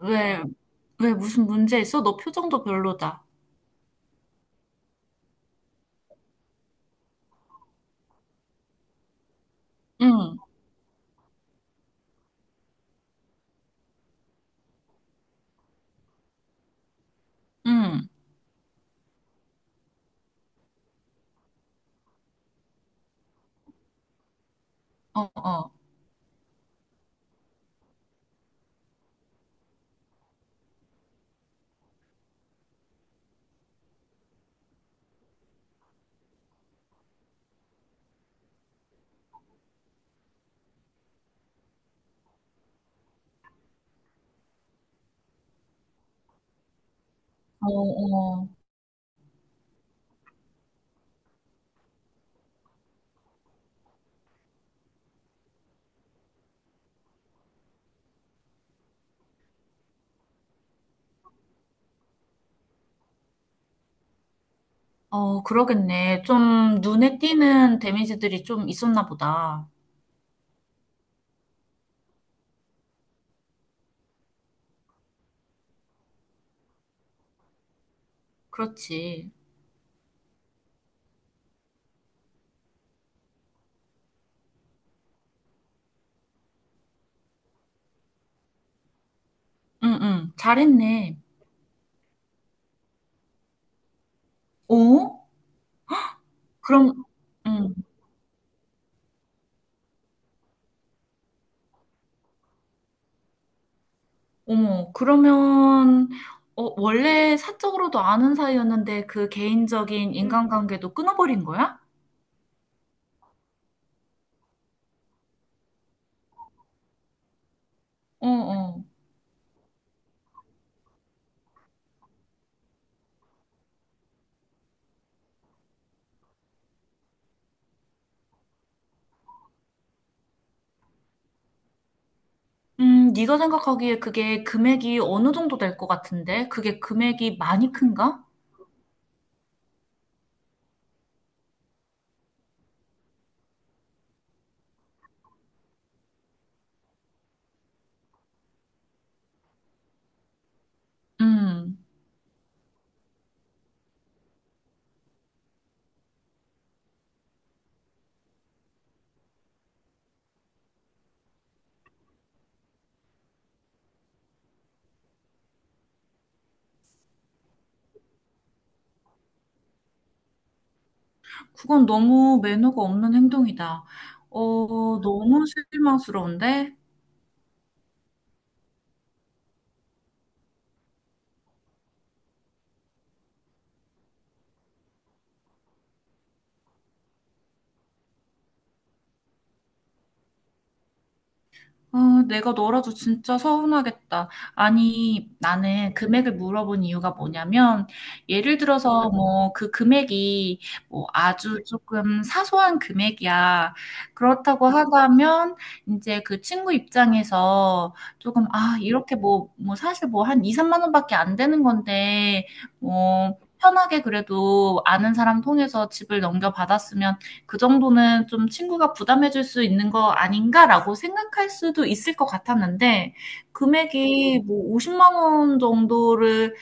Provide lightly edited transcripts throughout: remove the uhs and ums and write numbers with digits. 왜, 왜, 무슨 문제 있어? 너 표정도 별로다. 응, 응. 어, 어. 어, 어. 어, 그러겠네. 좀 눈에 띄는 데미지들이 좀 있었나 보다. 그렇지. 응, 응, 잘했네. 어? 그럼, 응. 어머, 그러면, 어, 원래 사적으로도 아는 사이였는데 그 개인적인 인간관계도 끊어버린 거야? 어, 어. 네가 생각하기에 그게 금액이 어느 정도 될 것 같은데? 그게 금액이 많이 큰가? 음, 그건 너무 매너가 없는 행동이다. 어, 너무 실망스러운데? 아, 내가 너라도 진짜 서운하겠다. 아니, 나는 금액을 물어본 이유가 뭐냐면, 예를 들어서 뭐 그 금액이 뭐 아주 조금 사소한 금액이야. 그렇다고 하다면, 이제 그 친구 입장에서 조금, 아, 이렇게 뭐, 뭐 사실 뭐 한 2, 3만 원밖에 안 되는 건데, 뭐, 편하게 그래도 아는 사람 통해서 집을 그 정도는 좀 친구가 부담해 줄 수 있는 거 아닌가라고 생각할 수도 있을 것 같았는데, 금액이 뭐 5 0만원 정도를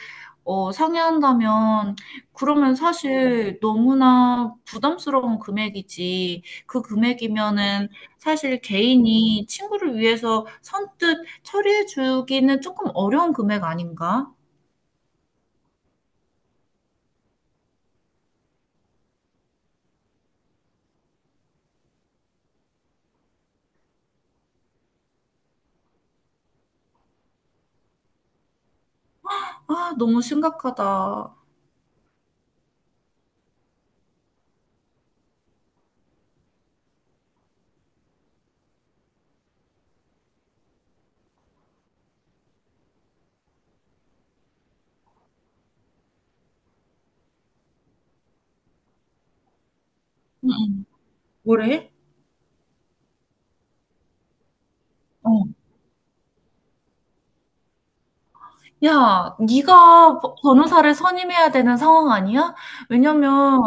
어 상회한다면, 그러면 사실 너무나 부담스러운 금액이지. 그 금액이면은 사실 개인이 친구를 위해서 선뜻 처리해 주기는 조금 어려운 금액 아닌가? 아, 너무 심각하다. 음음. 뭐래? 어. 야, 네가 변호사를 선임해야 되는 상황 아니야? 왜냐면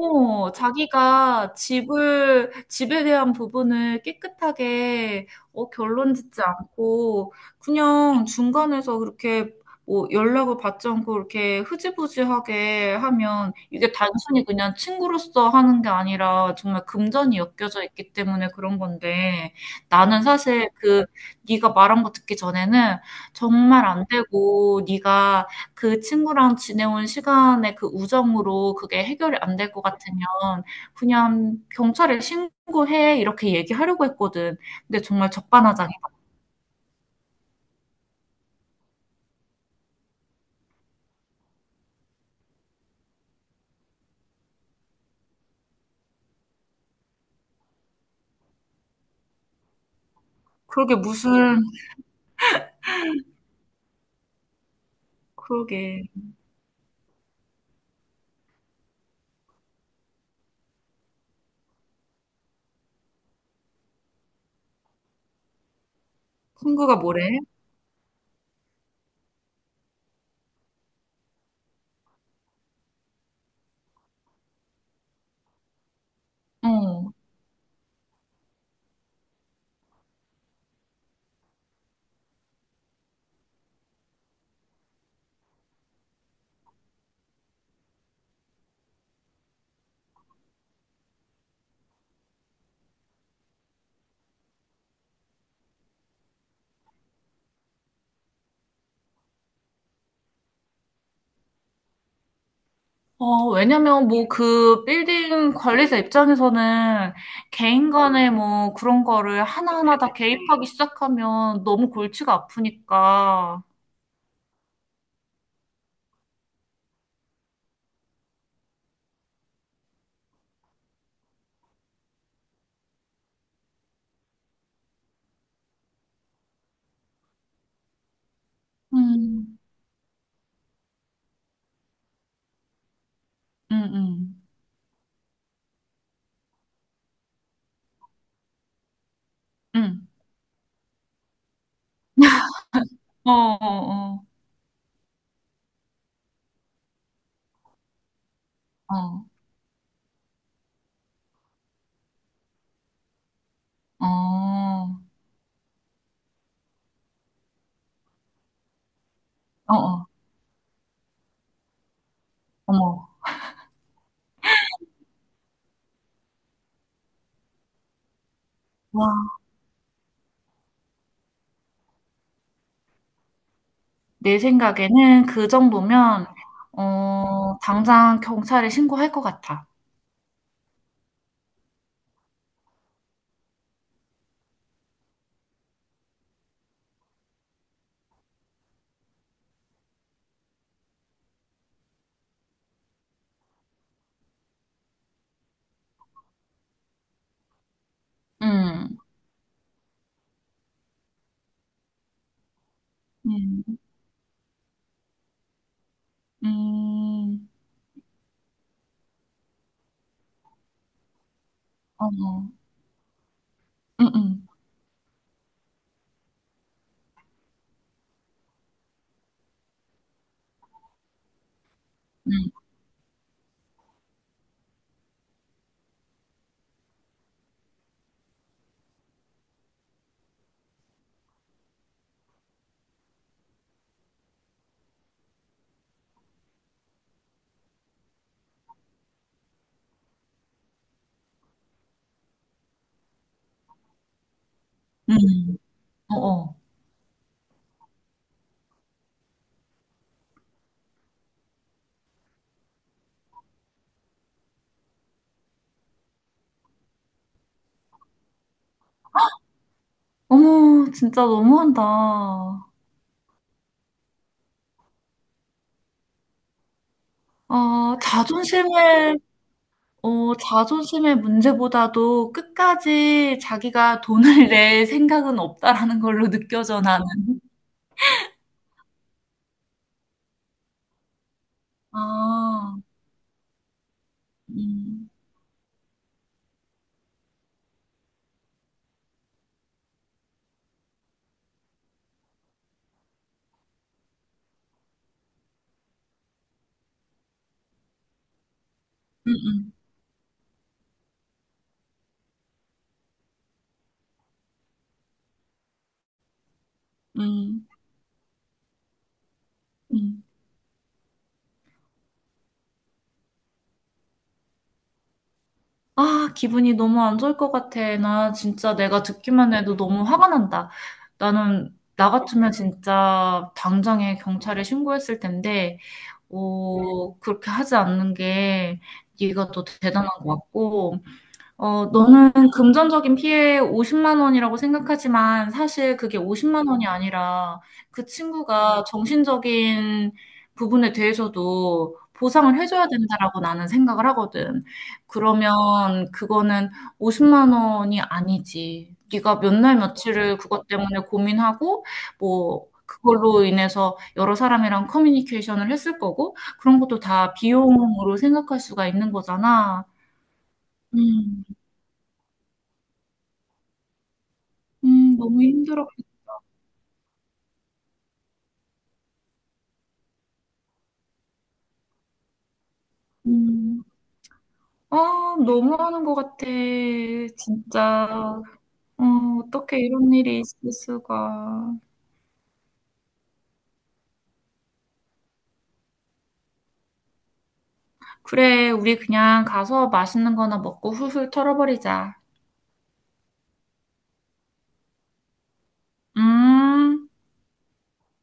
어, 자기가 집에 대한 부분을 깨끗하게, 어, 결론 짓지 않고, 그냥 중간에서 그렇게, 뭐, 연락을 받지 않고, 이렇게 흐지부지하게 하면, 이게 단순히 그냥 친구로서 하는 게 아니라, 정말 금전이 엮여져 있기 때문에 그런 건데, 나는 사실 그, 네가 말한 거 듣기 전에는, 정말 안 되고, 네가 그 친구랑 지내온 시간의 그 우정으로 그게 해결이 안 될 것 같으면 그냥 "경찰에 신고해." 이렇게 얘기하려고 했거든. 근데 정말 적반하장이다. 그러게 무슨 그러게. 친구가 뭐래? 어. 어, 왜냐면 뭐 그 빌딩 관리자 입장에서는 개인 간의 뭐 그런 거를 하나하나 다 개입하기 시작하면 너무 골치가 아프니까. 음. 음음. 음. 어어어. 어. 어, 어. 어. 어, 어. 어, 어머. 와, 내 생각에는 그 정도면, 어, 당장 경찰에 신고할 것 같아. 음, 음, 음. 어, 머 음, 음, 음, 음. 어, 어. 어머, 진짜 너무한다. 어, 자존심을, 어, 자존심의 문제보다도 끝까지 자기가 돈을 낼 생각은 없다라는 걸로 느껴져, 나는. 아, 음, 음, 음, 음. 음. 아, 기분이 너무 안 좋을 것 같아. 나 진짜 내가 듣기만 해도 너무 화가 난다. 나 같으면 진짜 당장에 경찰에 신고했을 텐데, 어, 그렇게 하지 않는 게 네가 더 대단한 것 같고, 어, 너는 금전적인 피해 50만 원이라고 생각하지만 사실 그게 50만 원이 아니라 그 친구가 정신적인 부분에 대해서도 보상을 해줘야 된다라고 나는 생각을 하거든. 그러면 그거는 50만 원이 아니지. 네가 몇 날 며칠을 그것 때문에 고민하고 뭐 그걸로 인해서 여러 사람이랑 커뮤니케이션을 했을 거고 그런 것도 다 비용으로 생각할 수가 있는 거잖아. 음. 너무 힘들었겠군. 아, 너무하는 것 같아. 진짜. 어, 어떻게 이런 일이 있을 수가. 그래, 우리 그냥 가서 맛있는 거나 먹고 훌훌 털어버리자. 음.